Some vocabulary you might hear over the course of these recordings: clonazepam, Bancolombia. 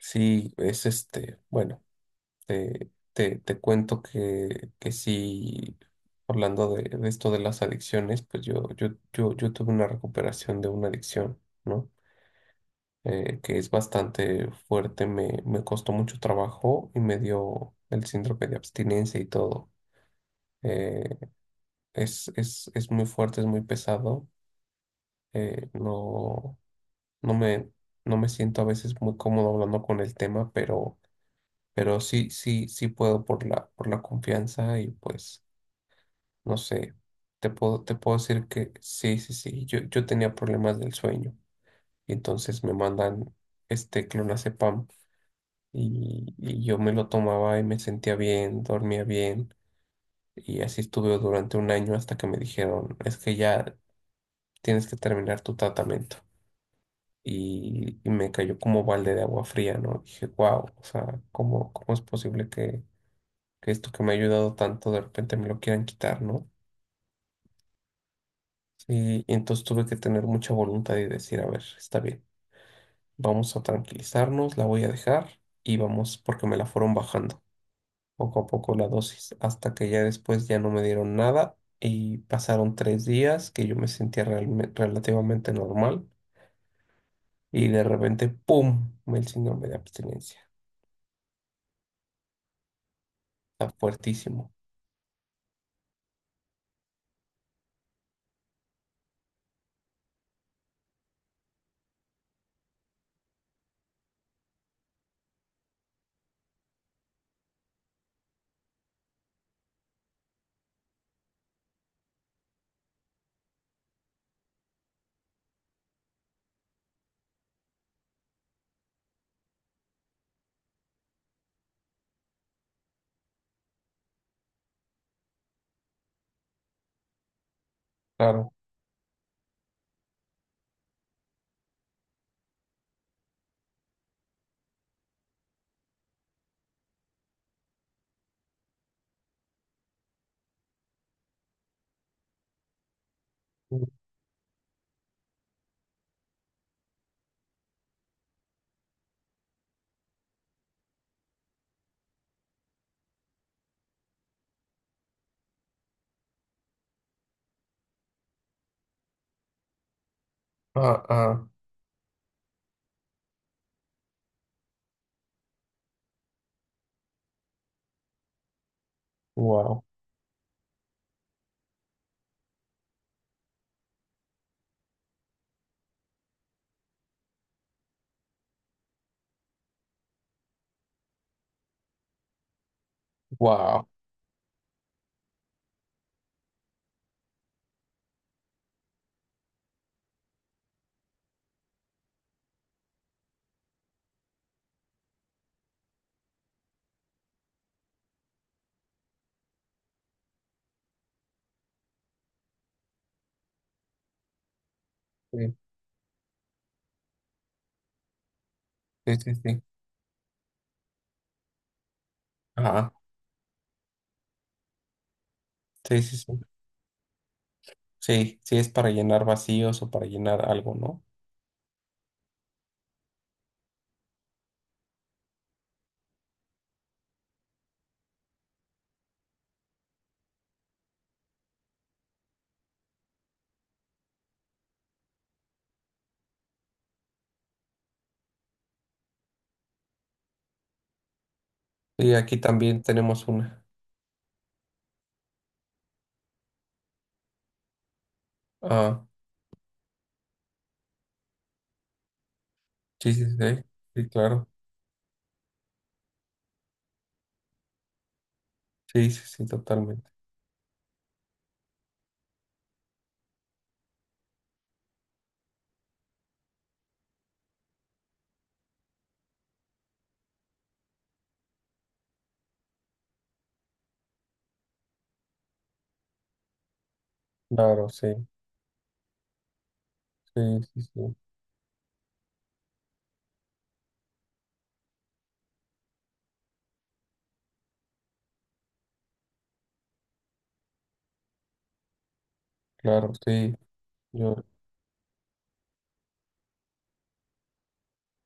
Sí, es bueno, te cuento que sí, hablando de esto de las adicciones, pues yo tuve una recuperación de una adicción, ¿no? Que es bastante fuerte, me costó mucho trabajo y me dio el síndrome de abstinencia y todo. Eh, es muy fuerte, es muy pesado. No, no me, no me siento a veces muy cómodo hablando con el tema, pero sí puedo por por la confianza y pues, no sé, te puedo decir que yo tenía problemas del sueño, y entonces me mandan este clonazepam, y yo me lo tomaba y me sentía bien, dormía bien, y así estuve durante un año hasta que me dijeron, es que ya tienes que terminar tu tratamiento. Y me cayó como balde de agua fría, ¿no? Dije, wow, o sea, cómo es posible que esto que me ha ayudado tanto de repente me lo quieran quitar? ¿No? Y entonces tuve que tener mucha voluntad y decir, a ver, está bien, vamos a tranquilizarnos, la voy a dejar y vamos, porque me la fueron bajando poco a poco la dosis, hasta que ya después ya no me dieron nada y pasaron 3 días que yo me sentía relativamente normal y de repente, ¡pum!, el síndrome de abstinencia. Está fuertísimo. Claro. Ah, ah, wow, wow. Sí, sí, sí, sí. Ah, sí, sí, sí. Sí, sí es para llenar vacíos o para llenar algo, ¿no? Y aquí también tenemos una. Ah, sí, sí, sí, sí, sí, claro. Sí, sí, sí, totalmente. Claro, sí, sí, sí, sí, claro, sí. Yo,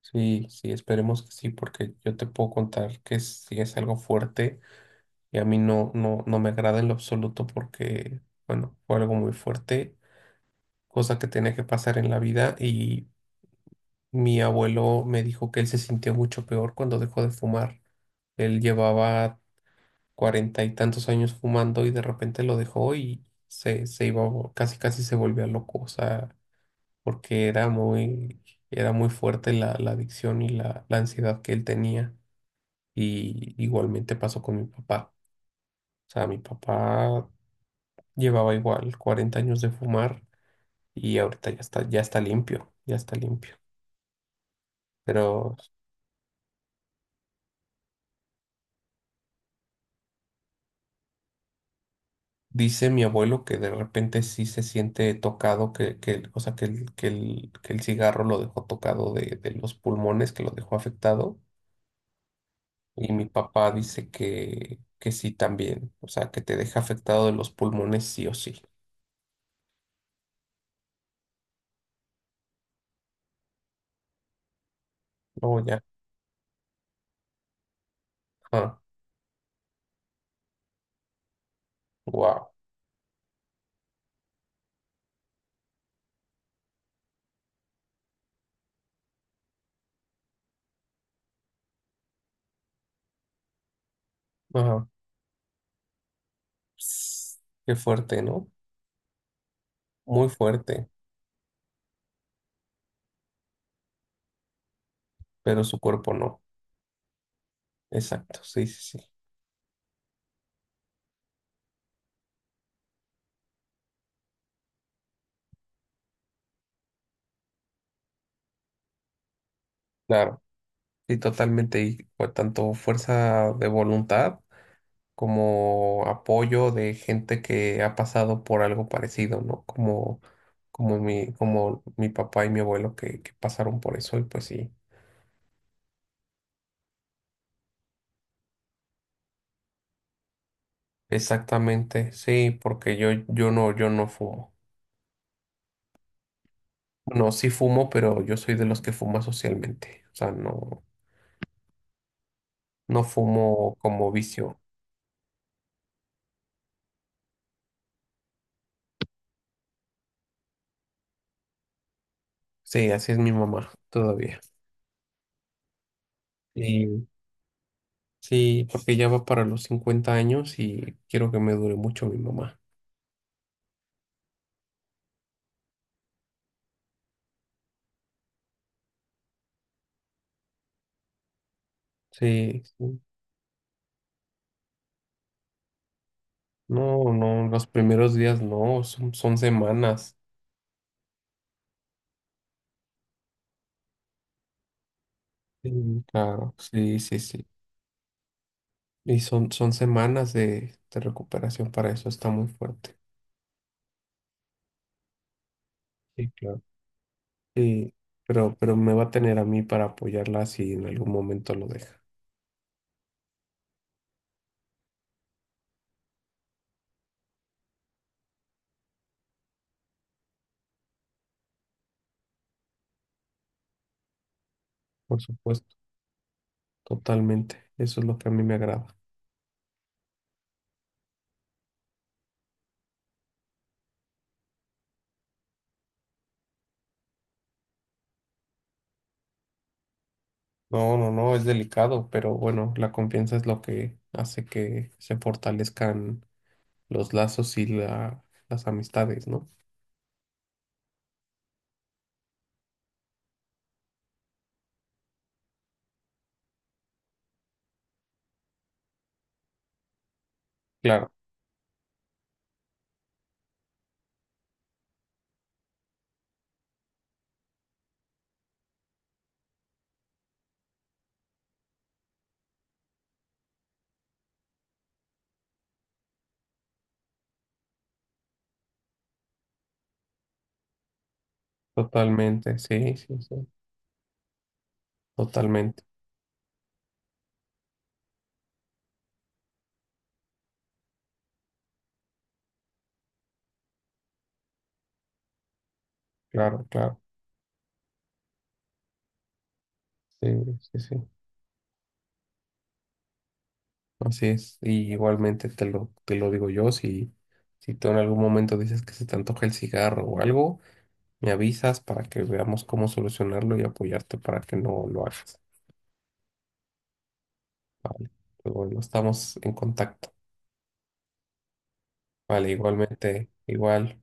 sí, sí, esperemos que sí, porque yo te puedo contar que sí es algo fuerte. Y a mí no me agrada en lo absoluto porque, bueno, fue algo muy fuerte, cosa que tenía que pasar en la vida. Mi abuelo me dijo que él se sintió mucho peor cuando dejó de fumar. Él llevaba 40 y tantos años fumando y de repente lo dejó y se iba, casi casi se volvía loco, o sea, porque era muy fuerte la adicción y la ansiedad que él tenía. Y igualmente pasó con mi papá. O sea, mi papá llevaba igual 40 años de fumar y ahorita ya está limpio, ya está limpio. Pero dice mi abuelo que de repente sí se siente tocado, o sea, que el cigarro lo dejó tocado de los pulmones, que lo dejó afectado. Y mi papá dice que sí también, o sea, que te deja afectado de los pulmones sí o sí. Oh, ya. Ah, wow. Ajá. Ps, qué fuerte, ¿no? Muy fuerte, pero su cuerpo no. Exacto, sí, sí, sí. Claro, sí, totalmente. Y por tanto, fuerza de voluntad, como apoyo de gente que ha pasado por algo parecido, ¿no? Como mi papá y mi abuelo que pasaron por eso, y pues sí, exactamente, sí, porque yo no fumo. No, sí fumo, pero yo soy de los que fuma socialmente. O sea, no, no fumo como vicio. Sí, así es mi mamá todavía. Y sí, porque ya va para los 50 años y quiero que me dure mucho mi mamá. Sí, sí. No, no, los primeros días no, son semanas. Sí. Claro, sí, sí, sí. Y son semanas de recuperación para eso, está muy fuerte. Sí, claro. Sí, pero me va a tener a mí para apoyarla si en algún momento lo deja. Por supuesto, totalmente. Eso es lo que a mí me agrada. No, no, no, es delicado, pero bueno, la confianza es lo que hace que se fortalezcan los lazos y las amistades, ¿no? Claro, totalmente, sí, sí, sí. Totalmente, claro, claro, sí, sí, sí, así es. Y igualmente te lo digo yo, si tú en algún momento dices que se te antoja el cigarro o algo, me avisas para que veamos cómo solucionarlo y apoyarte para que no lo hagas. Vale, pero bueno, estamos en contacto. Vale, igualmente, igual.